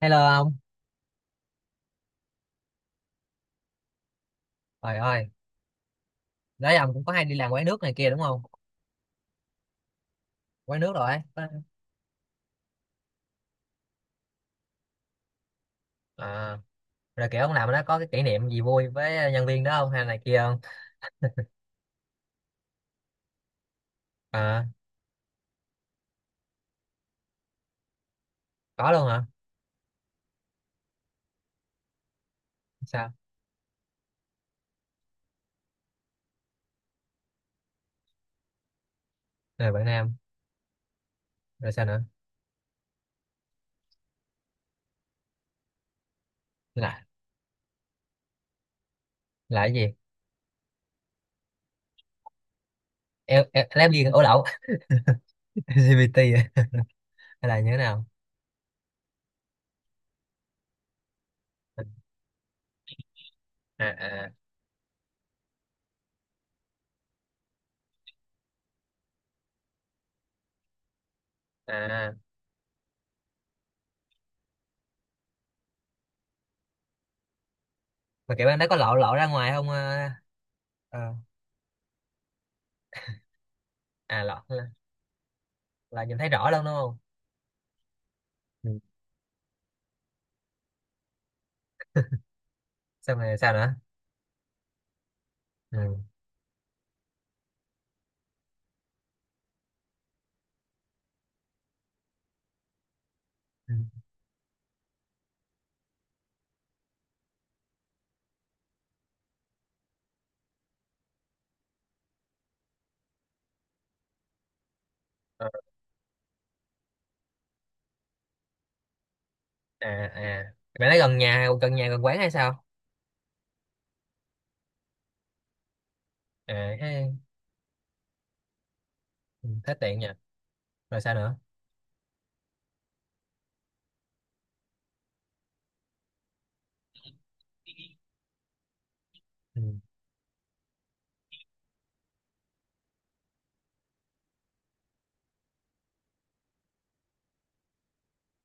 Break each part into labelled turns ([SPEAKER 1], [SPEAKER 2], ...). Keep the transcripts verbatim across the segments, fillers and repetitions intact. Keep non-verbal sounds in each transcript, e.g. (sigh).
[SPEAKER 1] Hello ông, trời ơi, đấy ông cũng có hay đi làm quán nước này kia đúng không? Quán nước rồi ấy. Có- À, rồi kiểu ông làm ở đó có cái kỷ niệm gì vui với nhân viên đó không hay này kia không? À, có luôn hả? Sao? Rồi bạn Nam, rồi sao nữa? Là là cái gì? Em em làm gì ổ lậu (laughs) L G B T à? Hay là như thế nào? À à à, mà kiểu bạn đó có lộ lộ ra ngoài không? À, à, à lộ là, là nhìn thấy rõ luôn đúng không? Ừ. Xong rồi sao nữa? Ừ. Ừ. Ờ, À à, bạn ấy gần nhà gần nhà gần quán hay sao? À, hết điện nha, rồi sao nữa. Ừ.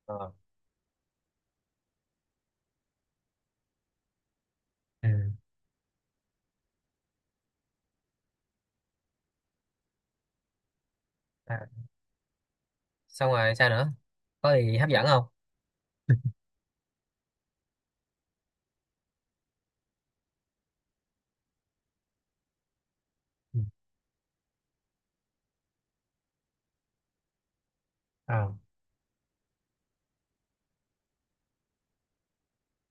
[SPEAKER 1] Ờ. Ừ. À, xong rồi sao nữa, có gì hấp dẫn không. Ừ. À,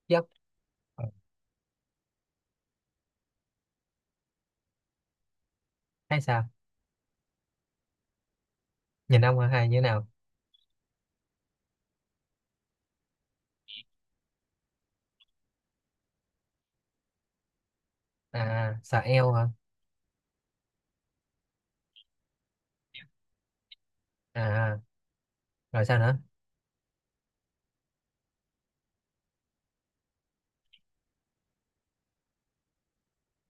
[SPEAKER 1] chắc ờ, hay sao, nhìn ông hay như thế nào. À sờ eo hả, à rồi sao nữa.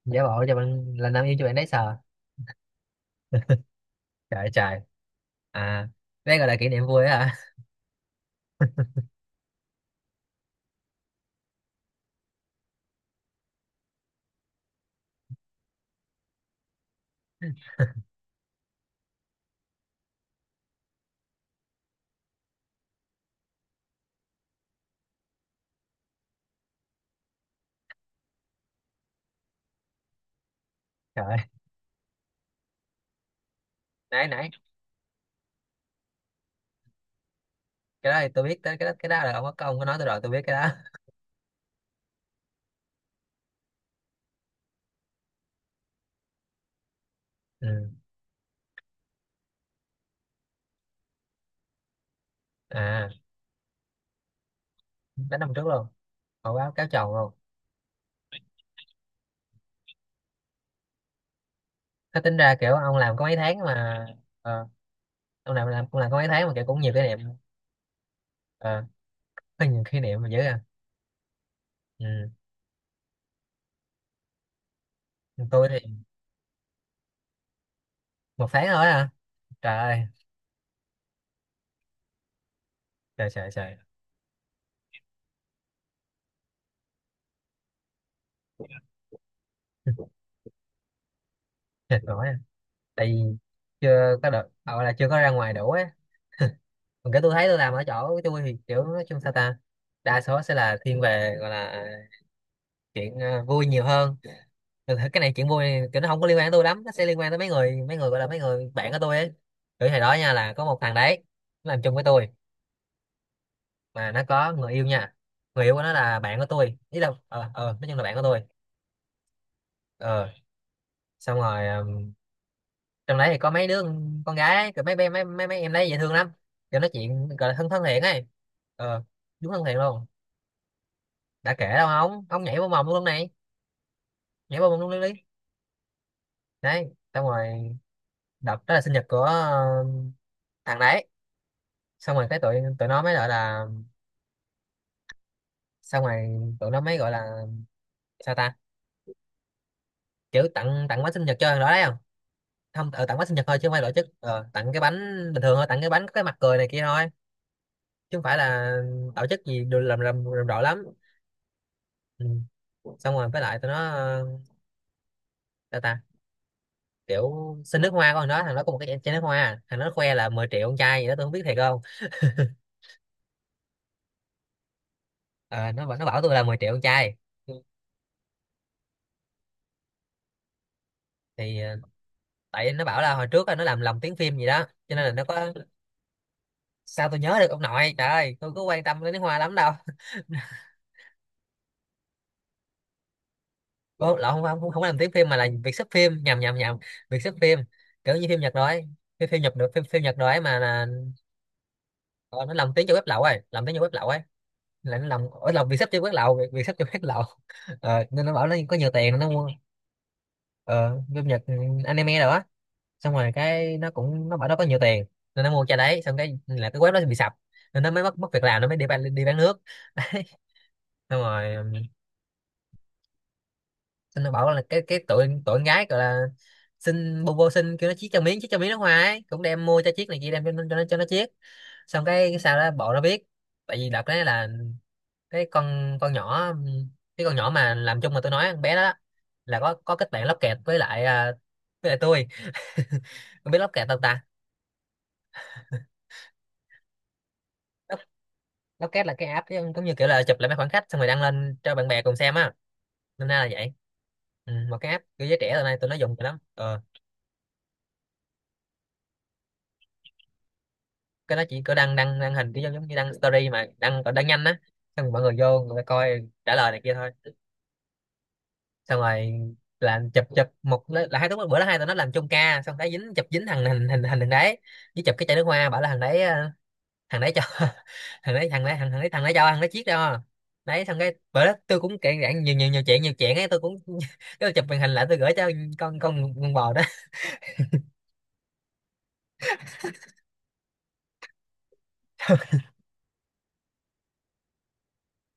[SPEAKER 1] Giả bộ cho bạn là nam yêu cho bạn đấy sờ. Trời trời, à đây gọi là kỷ niệm vui á hả. (laughs) Trời. Nãy nãy cái đó thì tôi biết, tới cái đó, cái đó là ông có ông có nói tôi rồi, tôi biết cái đó. (laughs) Ừ. À đánh năm trước luôn, hồi báo cáo chồng luôn. Thế tính ra kiểu ông làm có mấy tháng mà. ờ, ông làm làm cũng làm có mấy tháng mà kiểu cũng nhiều kỷ niệm. À, có nhiều kỷ niệm mà dữ à. Ừ. Tôi thì một tháng thôi à, trời ơi trời trời trời. Mệt mỏi à. Tại vì chưa có được gọi là chưa có ra ngoài đủ á, còn cái tôi thấy tôi làm ở chỗ của tôi thì kiểu nói chung sao ta, đa số sẽ là thiên về gọi là chuyện ờ, vui nhiều hơn. Thực ra cái này chuyện vui này, kiểu nó không có liên quan tới tôi lắm, nó sẽ liên quan tới mấy người mấy người gọi là mấy người bạn của tôi ấy. Kiểu hồi đó nha là có một thằng đấy nó làm chung với tôi mà nó có người yêu nha, người yêu của nó là bạn của tôi, ý là ờ ờ nói chung là bạn của tôi. Ờ xong rồi ờ, trong đấy thì có mấy đứa con con gái ấy, kiểu mấy bé mấy mấy mấy em đấy dễ thương lắm, kiểu nói chuyện gọi là thân thân thiện ấy. Ờ, đúng thân thiện luôn. Đã kể đâu ông ông nhảy vào mồm luôn này, nhảy vào mồm luôn đi. Đấy xong rồi, đợt đó là sinh nhật của ờ, thằng đấy. Xong rồi cái tụi tụi nó mới gọi là, xong rồi tụi nó mới gọi là sao ta, kiểu tặng tặng bánh sinh nhật cho thằng đó đấy không. Không ờ, tặng bánh sinh nhật thôi chứ không phải tổ chức, ờ, tặng cái bánh bình thường thôi, tặng cái bánh có cái mặt cười này kia thôi, chứ không phải là tổ chức gì đồ làm làm, làm rộ lắm. Ừ. Xong rồi với lại tụi nó ờ, sao ta, kiểu xin nước hoa con đó, thằng đó có một cái chai nước hoa, thằng nó khoe là mười triệu con trai gì đó, tôi không biết thiệt không. Ờ, nó bảo- nó bảo tôi là mười triệu con trai. Thì ờ, tại nó bảo là hồi trước á, nó làm lồng tiếng phim gì đó cho nên là nó có. Sao tôi nhớ được ông nội, trời ơi tôi có quan tâm đến nước hoa lắm đâu. Ủa, lộn, không, không không làm tiếng phim mà là việc xếp phim, nhầm nhầm nhầm, việc xếp phim, kiểu như phim Nhật rồi ấy. Phim phim Nhật được phim phim Nhật rồi ấy mà là ờ, nó làm tiếng cho web lậu, rồi làm tiếng cho web lậu ấy, là nó làm ở lòng vì sắp cho quán lậu vì, vì sắp chơi quán lậu. (laughs) Ờ, nên nó bảo nó có nhiều tiền nó mua. ờ, Phim Nhật, ừ, anime rồi á. Xong rồi cái nó cũng nó bảo nó có nhiều tiền nên nó mua cho đấy, xong cái là cái web nó bị sập, nên nó mới mất mất việc làm, nó mới đi bán đi bán nước. (laughs) Đấy xong rồi, ừ, xong nó bảo là cái cái tụi tụi con gái gọi là xin bô bô, xin kêu nó chiết cho miếng chiết cho miếng nước hoa ấy, cũng đem mua cho chiếc này kia, đem cho, nó- cho nó cho nó chiết. Xong cái sao đó bộ nó biết, tại vì đợt đấy là cái con con nhỏ, cái con nhỏ mà làm chung mà tôi nói con bé đó, đó là có có kết bạn lóc kẹt với lại à, với lại tôi, không biết lóc kẹt đâu ta. Lóc lóc là cái app giống giống như kiểu là chụp lại mấy khoảnh khắc xong rồi đăng lên cho bạn bè cùng xem á, nên ra là vậy. Ừ, một cái app kiểu giới trẻ hôm nay tôi nó dùng nhiều lắm ờ cái nó chỉ có đăng đăng đăng hình cái giống giống như đăng story mà đăng, còn đăng nhanh á, xong rồi mọi người vô người ta coi trả lời này kia thôi. Xong rồi làm chụp chụp một, là hai đứa bữa đó hai tụi nó làm chung ca, xong cái dính chụp, dính thằng, hình hình hình thằng đấy với chụp cái chai nước hoa, bảo là thằng đấy à, thằng đấy cho. (laughs) Thằng đấy thằng đấy thằng thằng đấy thằng đấy cho thằng đấy chiếc đâu. Đấy xong cái bởi đó tôi cũng kể rạn nhiều nhiều nhiều chuyện nhiều chuyện ấy tôi cũng. (laughs) Cái tôi chụp màn hình lại, tôi gửi cho con con con bò đó.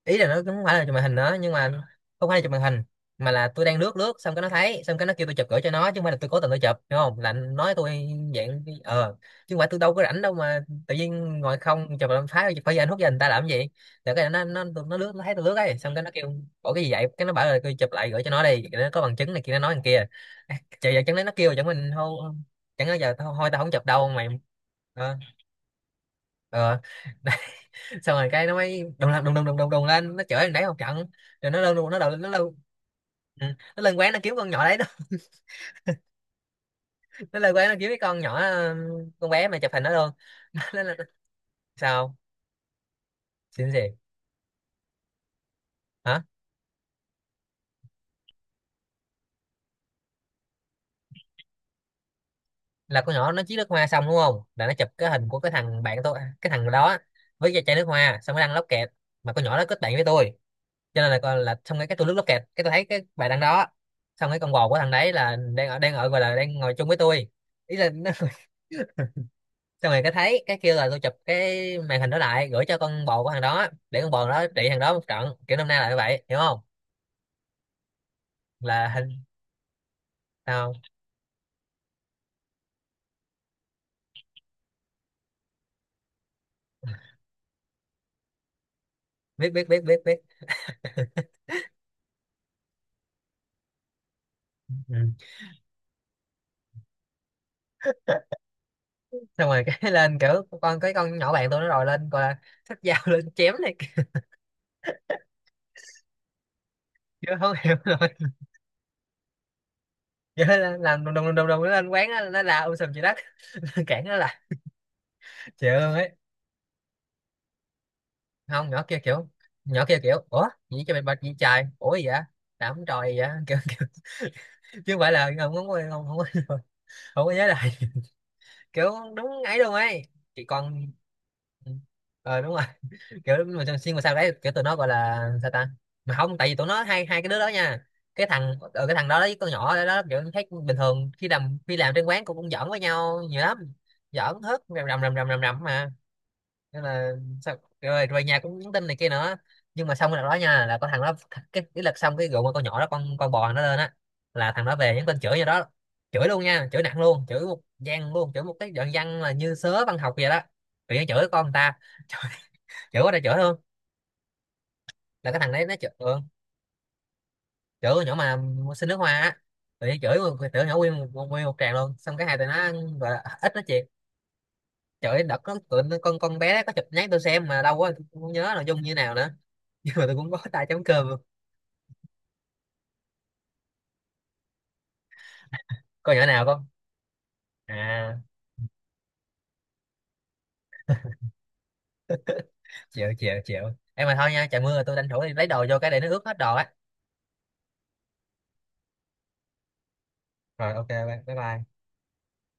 [SPEAKER 1] Ý là nó cũng không phải là chụp màn hình nữa nhưng mà không phải là chụp màn hình, mà là tôi đang lướt lướt xong cái nó thấy, xong cái nó kêu tôi chụp gửi cho nó, chứ không phải là tôi cố tình tôi chụp, đúng không là nói tôi dạng ờ chứ không phải tôi đâu có rảnh đâu mà tự nhiên ngồi không chụp làm phá phải giờ anh hút giờ người ta làm cái gì. Là cái nó nó nó, nó lướt, nó thấy tôi lướt ấy, xong cái nó kêu bỏ cái gì vậy, cái nó bảo là tôi chụp lại gửi cho nó đi, nó có bằng chứng này kia, nó nói thằng kia à, trời giờ chẳng lẽ nó kêu chẳng mình thôi, chẳng lẽ giờ thôi, thôi tao không chụp đâu mày. Ờ ờ (laughs) đấy. Xong rồi cái nó mới đùng đùng đùng đùng đùng đùng đùng lên, nó chửi thằng đấy một trận, rồi nó lên luôn, nó đầu nó lên. Ừ. Nó lên quán nó kiếm con nhỏ đấy nó, (laughs) nó lên quán nó kiếm cái con nhỏ, ừ, con bé mà chụp hình nó luôn. (laughs) nó, nó, sao, xin gì, hả? Là con nhỏ nó chiết nước hoa xong đúng không, là nó chụp cái hình của cái thằng bạn tôi cái thằng đó với cái chai nước hoa, xong nó đăng lóc kẹt, mà con nhỏ đó kết bạn với tôi, cho nên là con là xong cái cái tôi lướt lóc kẹt cái tôi thấy cái bài đăng đó. Xong cái con bồ của thằng đấy là đang ở đang ở gọi là đang ngồi chung với tôi, ý là nó, xong rồi cái thấy cái kêu là tôi chụp cái màn hình đó lại gửi cho con bồ của thằng đó, để con bồ đó trị thằng đó một trận, kiểu năm nay là như vậy hiểu không, là hình. Tao biết biết biết biết biết. Ừ. Xong rồi cái (laughs) lên kiểu con cái con nhỏ bạn tôi nó rồi lên gọi là xách dao (laughs) lên chém này kia. Chứ không hiểu rồi, vậy là làm đùng đùng đùng đùng đùng, nó lên quán nó, nó la um sùm chị đất. (laughs) Cản nó là chịu luôn ấy. Không nhỏ kia kiểu, nhỏ kia kiểu ủa gì cho mày bạch gì trời, ủa gì vậy, đảm tròi gì vậy. (laughs) kiểu, kiểu chứ không phải là không không không không, không, không, không có nhớ lại, kiểu đúng ấy luôn ấy. Chị con. Ừ. ờ đúng rồi. (laughs) Kiểu mà sao- xuyên mà sao đấy, kiểu tụi nó gọi là sao ta, mà không tại vì tụi nó hai hai cái đứa đó nha, cái thằng ờ, cái thằng đó với con nhỏ đó, đó kiểu thấy bình thường, khi làm khi làm trên quán cũng cũng giỡn với nhau nhiều lắm, giỡn hết rầm rầm rầm rầm rầm rầm mà, nên là sao, rồi về nhà cũng nhắn tin này kia nữa. Nhưng mà xong cái đợt đó nha là có thằng đó th- cái cái lật xong cái rượu, mà con nhỏ đó con con bò nó lên á, là thằng đó về nhắn tin chửi như đó, chửi luôn nha, chửi nặng luôn, chửi một gian luôn, chửi một cái đoạn văn là như sớ văn học vậy đó, tự nhiên chửi con người ta. (laughs) Chửi, chửi quá trời chửi luôn. Là cái thằng đấy nó chửi, ừ, chửi con nhỏ mà xin nước hoa á, tự nhiên chửi một- tự nhỏ nguyên một, nguyên một, tràng luôn, xong cái hai tụi nó gọi là ít nói chuyện. Chửi đợt nó tụi nó- con con bé đó có chụp nhắn tôi xem mà đâu có, tôi không nhớ nội dung như nào nữa. (laughs) Nhưng mà tôi cũng có tay chấm cơm luôn, còn nhỏ nào không à, chịu chịu chịu. Em mà thôi nha, trời mưa rồi tôi tranh thủ đi lấy đồ vô cái để nó ướt hết đồ á, rồi ok bye bye bye.